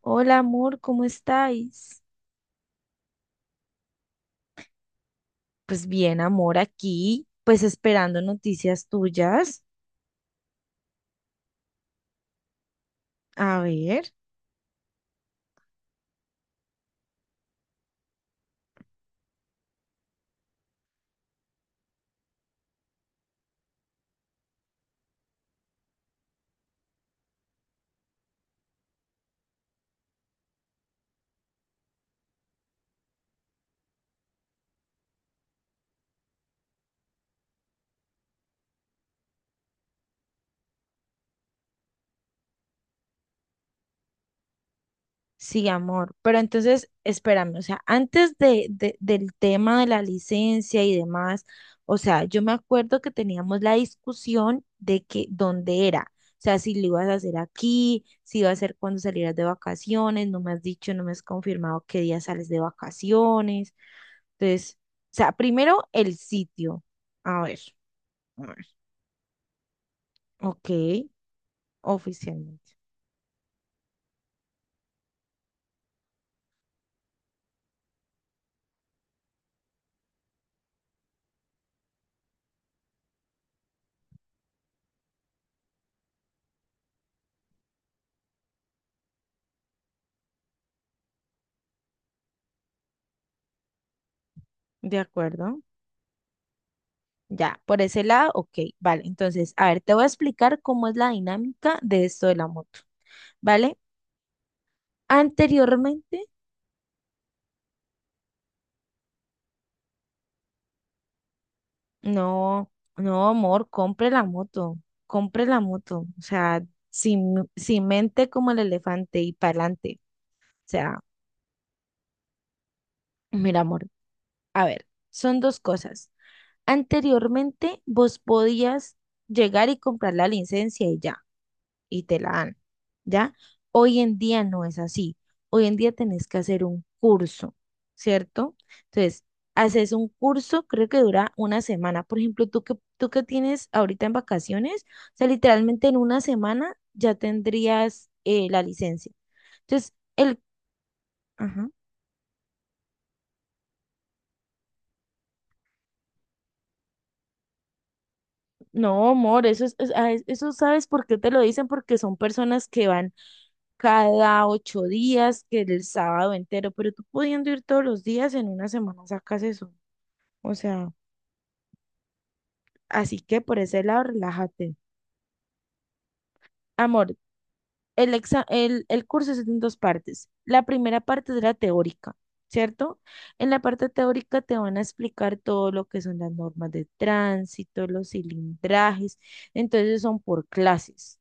Hola amor, ¿cómo estáis? Pues bien, amor, aquí, pues esperando noticias tuyas. A ver, sí, amor, pero entonces espérame, o sea, antes del tema de la licencia y demás, o sea, yo me acuerdo que teníamos la discusión de que dónde era, o sea, si lo ibas a hacer aquí, si iba a ser cuando salieras de vacaciones, no me has dicho, no me has confirmado qué día sales de vacaciones. Entonces, o sea, primero el sitio. A ver. A ver, ok, oficialmente. De acuerdo. Ya, por ese lado, ok, vale. Entonces, a ver, te voy a explicar cómo es la dinámica de esto de la moto, ¿vale? Anteriormente, no, no, amor, compre la moto, compre la moto. O sea, sin mente como el elefante y para adelante. O sea, mira, amor, a ver, son dos cosas. Anteriormente, vos podías llegar y comprar la licencia y ya. Y te la dan, ¿ya? Hoy en día no es así. Hoy en día tenés que hacer un curso, ¿cierto? Entonces, haces un curso, creo que dura una semana. Por ejemplo, tú que tienes ahorita en vacaciones, o sea, literalmente en una semana ya tendrías la licencia. Entonces, ajá. No, amor, eso es- ah, es- eso sabes por qué te lo dicen, porque son personas que van cada 8 días, que el sábado entero, pero tú pudiendo ir todos los días, en una semana sacas eso. O sea, así que por ese lado, relájate. Amor, el curso es en dos partes. La primera parte es la teórica, ¿cierto? En la parte teórica te van a explicar todo lo que son las normas de tránsito, los cilindrajes. Entonces son por clases.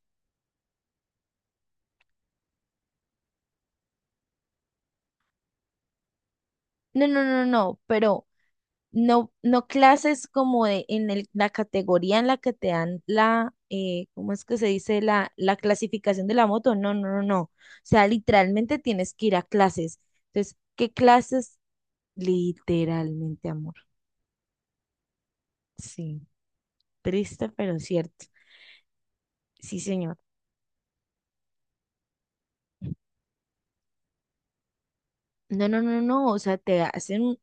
No, no, no, no, pero no, no clases como la categoría en la que te dan la, ¿cómo es que se dice? La clasificación de la moto. No, no, no, no. O sea, literalmente tienes que ir a clases. Entonces, ¿qué clases? Literalmente, amor. Sí, triste, pero cierto. Sí, señor. No, no, no, no, o sea, te hacen,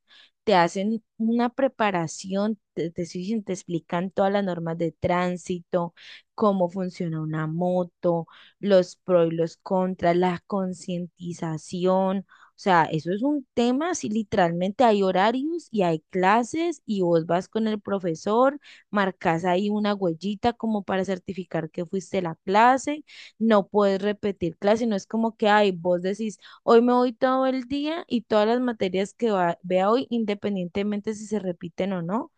te hacen una preparación, te explican todas las normas de tránsito, cómo funciona una moto, los pros y los contras, la concientización, o sea, eso es un tema, si literalmente hay horarios y hay clases y vos vas con el profesor, marcas ahí una huellita como para certificar que fuiste a la clase, no puedes repetir clase, no es como que, ay, vos decís hoy me voy todo el día y todas las materias que vea hoy, independientemente si se repiten o no,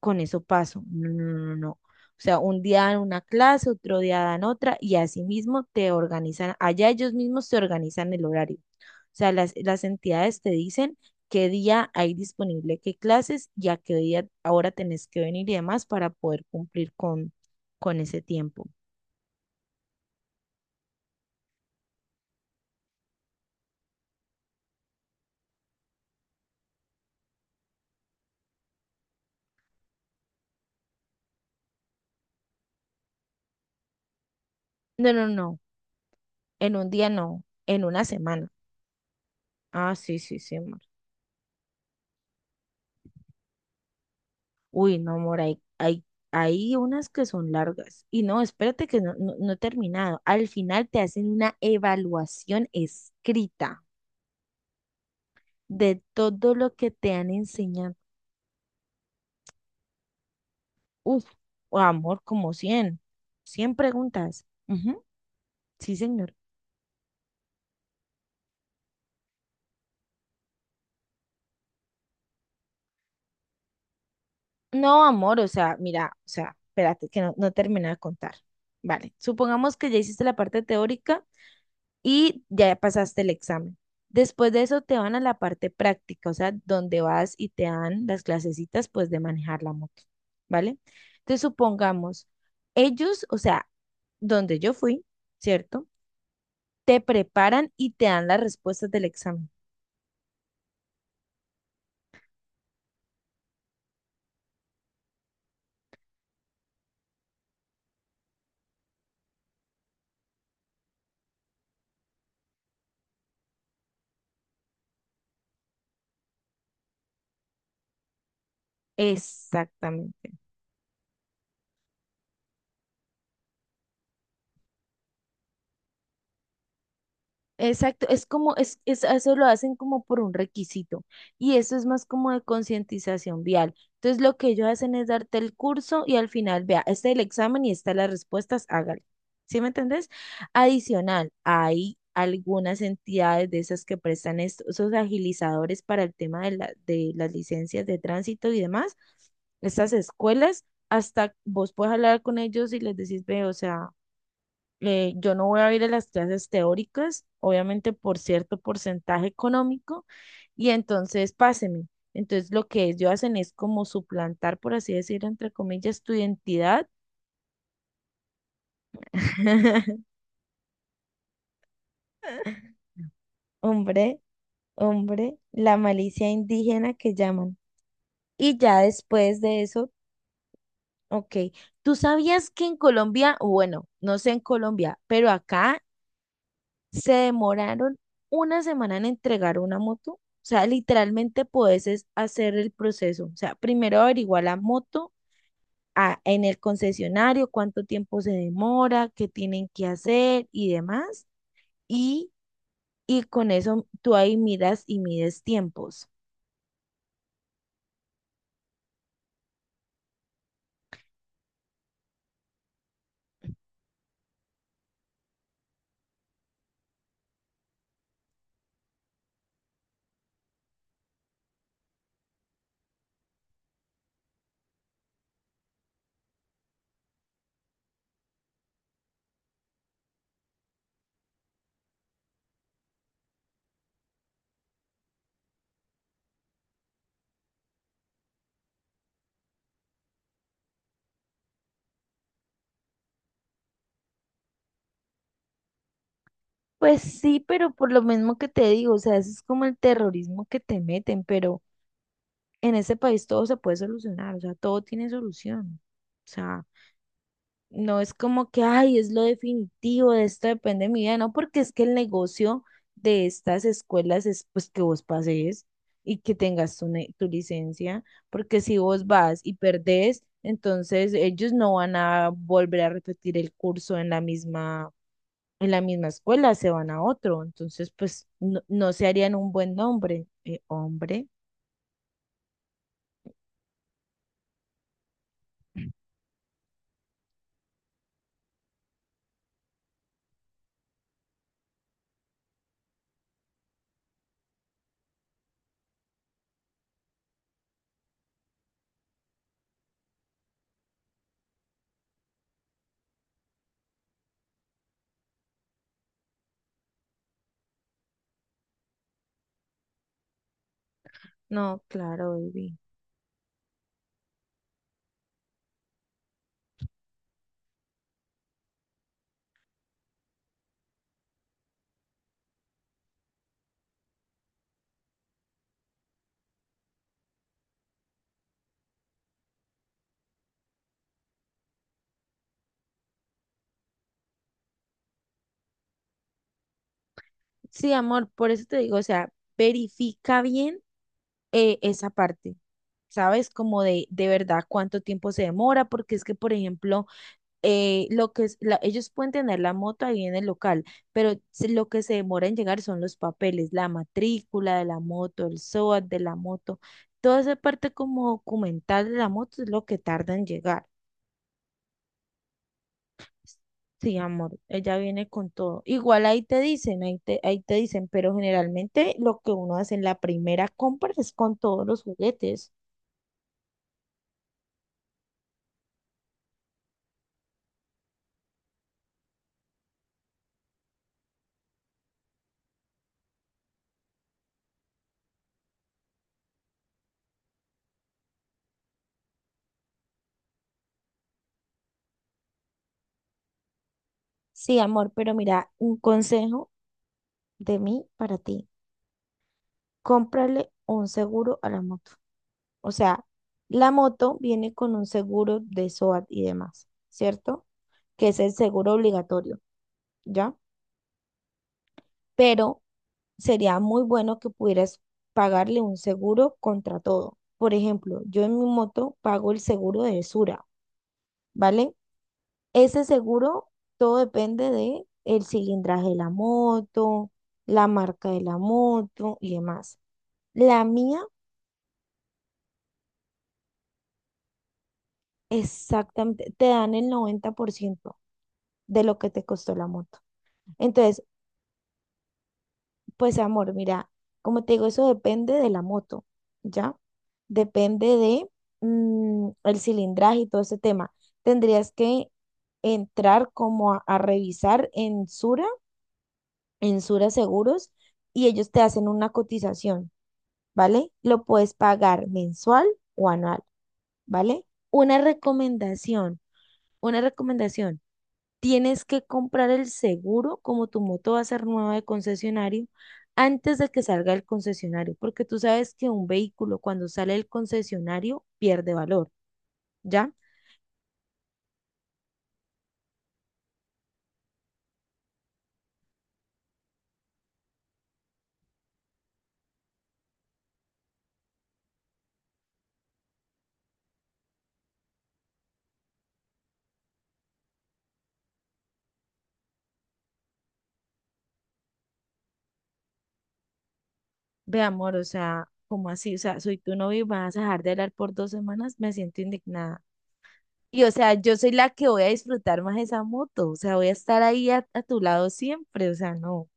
con eso paso. No, no, no, no, no. O sea, un día dan una clase, otro día dan otra y así mismo te organizan, allá ellos mismos te organizan el horario. O sea, las entidades te dicen qué día hay disponible qué clases y a qué día ahora tenés que venir y demás para poder cumplir con ese tiempo. No, no, no, en un día no, en una semana. Ah, sí, sí, sí. Uy, no, amor, hay unas que son largas. Y no, espérate que no, no, no he terminado. Al final te hacen una evaluación escrita de todo lo que te han enseñado. Uf, amor, como cien preguntas. Ujú, sí, señor. No, amor, o sea, mira, o sea, espérate que no, no terminé de contar. Vale, supongamos que ya hiciste la parte teórica y ya pasaste el examen. Después de eso te van a la parte práctica, o sea, donde vas y te dan las clasecitas pues de manejar la moto, ¿vale? Entonces supongamos, ellos, o sea, donde yo fui, ¿cierto? Te preparan y te dan las respuestas del examen. Exactamente. Exacto, es como, eso lo hacen como por un requisito y eso es más como de concientización vial. Entonces lo que ellos hacen es darte el curso y al final, vea, este es el examen y estas las respuestas, hágale. ¿Sí me entendés? Adicional, hay algunas entidades de esas que prestan estos, esos agilizadores para el tema de las licencias de tránsito y demás, estas escuelas, hasta vos puedes hablar con ellos y les decís, ve, o sea yo no voy a ir a las clases teóricas, obviamente por cierto porcentaje económico, y entonces páseme. Entonces lo que ellos hacen es como suplantar, por así decirlo, entre comillas, tu identidad. Hombre, hombre, la malicia indígena que llaman. Y ya después de eso, ok, ¿tú sabías que en Colombia, o bueno, no sé en Colombia, pero acá se demoraron una semana en entregar una moto? O sea, literalmente puedes es hacer el proceso. O sea, primero averiguar la moto en el concesionario, cuánto tiempo se demora, qué tienen que hacer y demás. Y, y con eso tú ahí miras y mides tiempos. Pues sí, pero por lo mismo que te digo, o sea, eso es como el terrorismo que te meten, pero en ese país todo se puede solucionar, o sea, todo tiene solución. O sea, no es como que, ay, es lo definitivo, de esto depende de mi vida, no, porque es que el negocio de estas escuelas es pues que vos pases y que tengas tu licencia, porque si vos vas y perdés, entonces ellos no van a volver a repetir el curso en la misma escuela, se van a otro, entonces pues no, no se harían un buen nombre, hombre. No, claro, baby. Sí, amor, por eso te digo, o sea, verifica bien esa parte, ¿sabes? Como de verdad cuánto tiempo se demora, porque es que, por ejemplo, lo que es ellos pueden tener la moto ahí en el local, pero lo que se demora en llegar son los papeles, la matrícula de la moto, el SOAT de la moto, toda esa parte como documental de la moto es lo que tarda en llegar. Sí, amor, ella viene con todo. Igual ahí te dicen, ahí te dicen, pero generalmente lo que uno hace en la primera compra es con todos los juguetes. Sí, amor, pero mira, un consejo de mí para ti. Cómprale un seguro a la moto. O sea, la moto viene con un seguro de SOAT y demás, ¿cierto? Que es el seguro obligatorio, ¿ya? Pero sería muy bueno que pudieras pagarle un seguro contra todo. Por ejemplo, yo en mi moto pago el seguro de Sura, ¿vale? Ese seguro, todo depende de el cilindraje de la moto, la marca de la moto y demás. La mía, exactamente, te dan el 90% de lo que te costó la moto. Entonces, pues amor, mira, como te digo, eso depende de la moto, ¿ya? Depende de el cilindraje y todo ese tema. Tendrías que entrar como a revisar en Sura Seguros y ellos te hacen una cotización, ¿vale? Lo puedes pagar mensual o anual, ¿vale? Una recomendación, una recomendación. Tienes que comprar el seguro, como tu moto va a ser nueva de concesionario, antes de que salga el concesionario, porque tú sabes que un vehículo cuando sale del concesionario pierde valor, ¿ya? Ve, amor, o sea, como así? O sea, soy tu novio y vas a dejar de hablar por 2 semanas, me siento indignada. Y o sea, yo soy la que voy a disfrutar más esa moto, o sea, voy a estar ahí a tu lado siempre, o sea, no,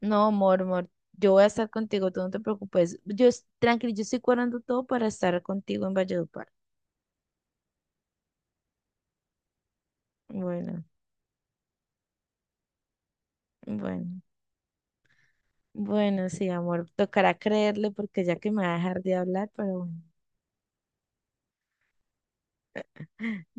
no, amor, amor, yo voy a estar contigo, tú no te preocupes, tranquilo, yo estoy cuadrando todo para estar contigo en Valledupar. Bueno, bueno, bueno, sí, amor, tocará creerle porque ya que me va a dejar de hablar, pero bueno.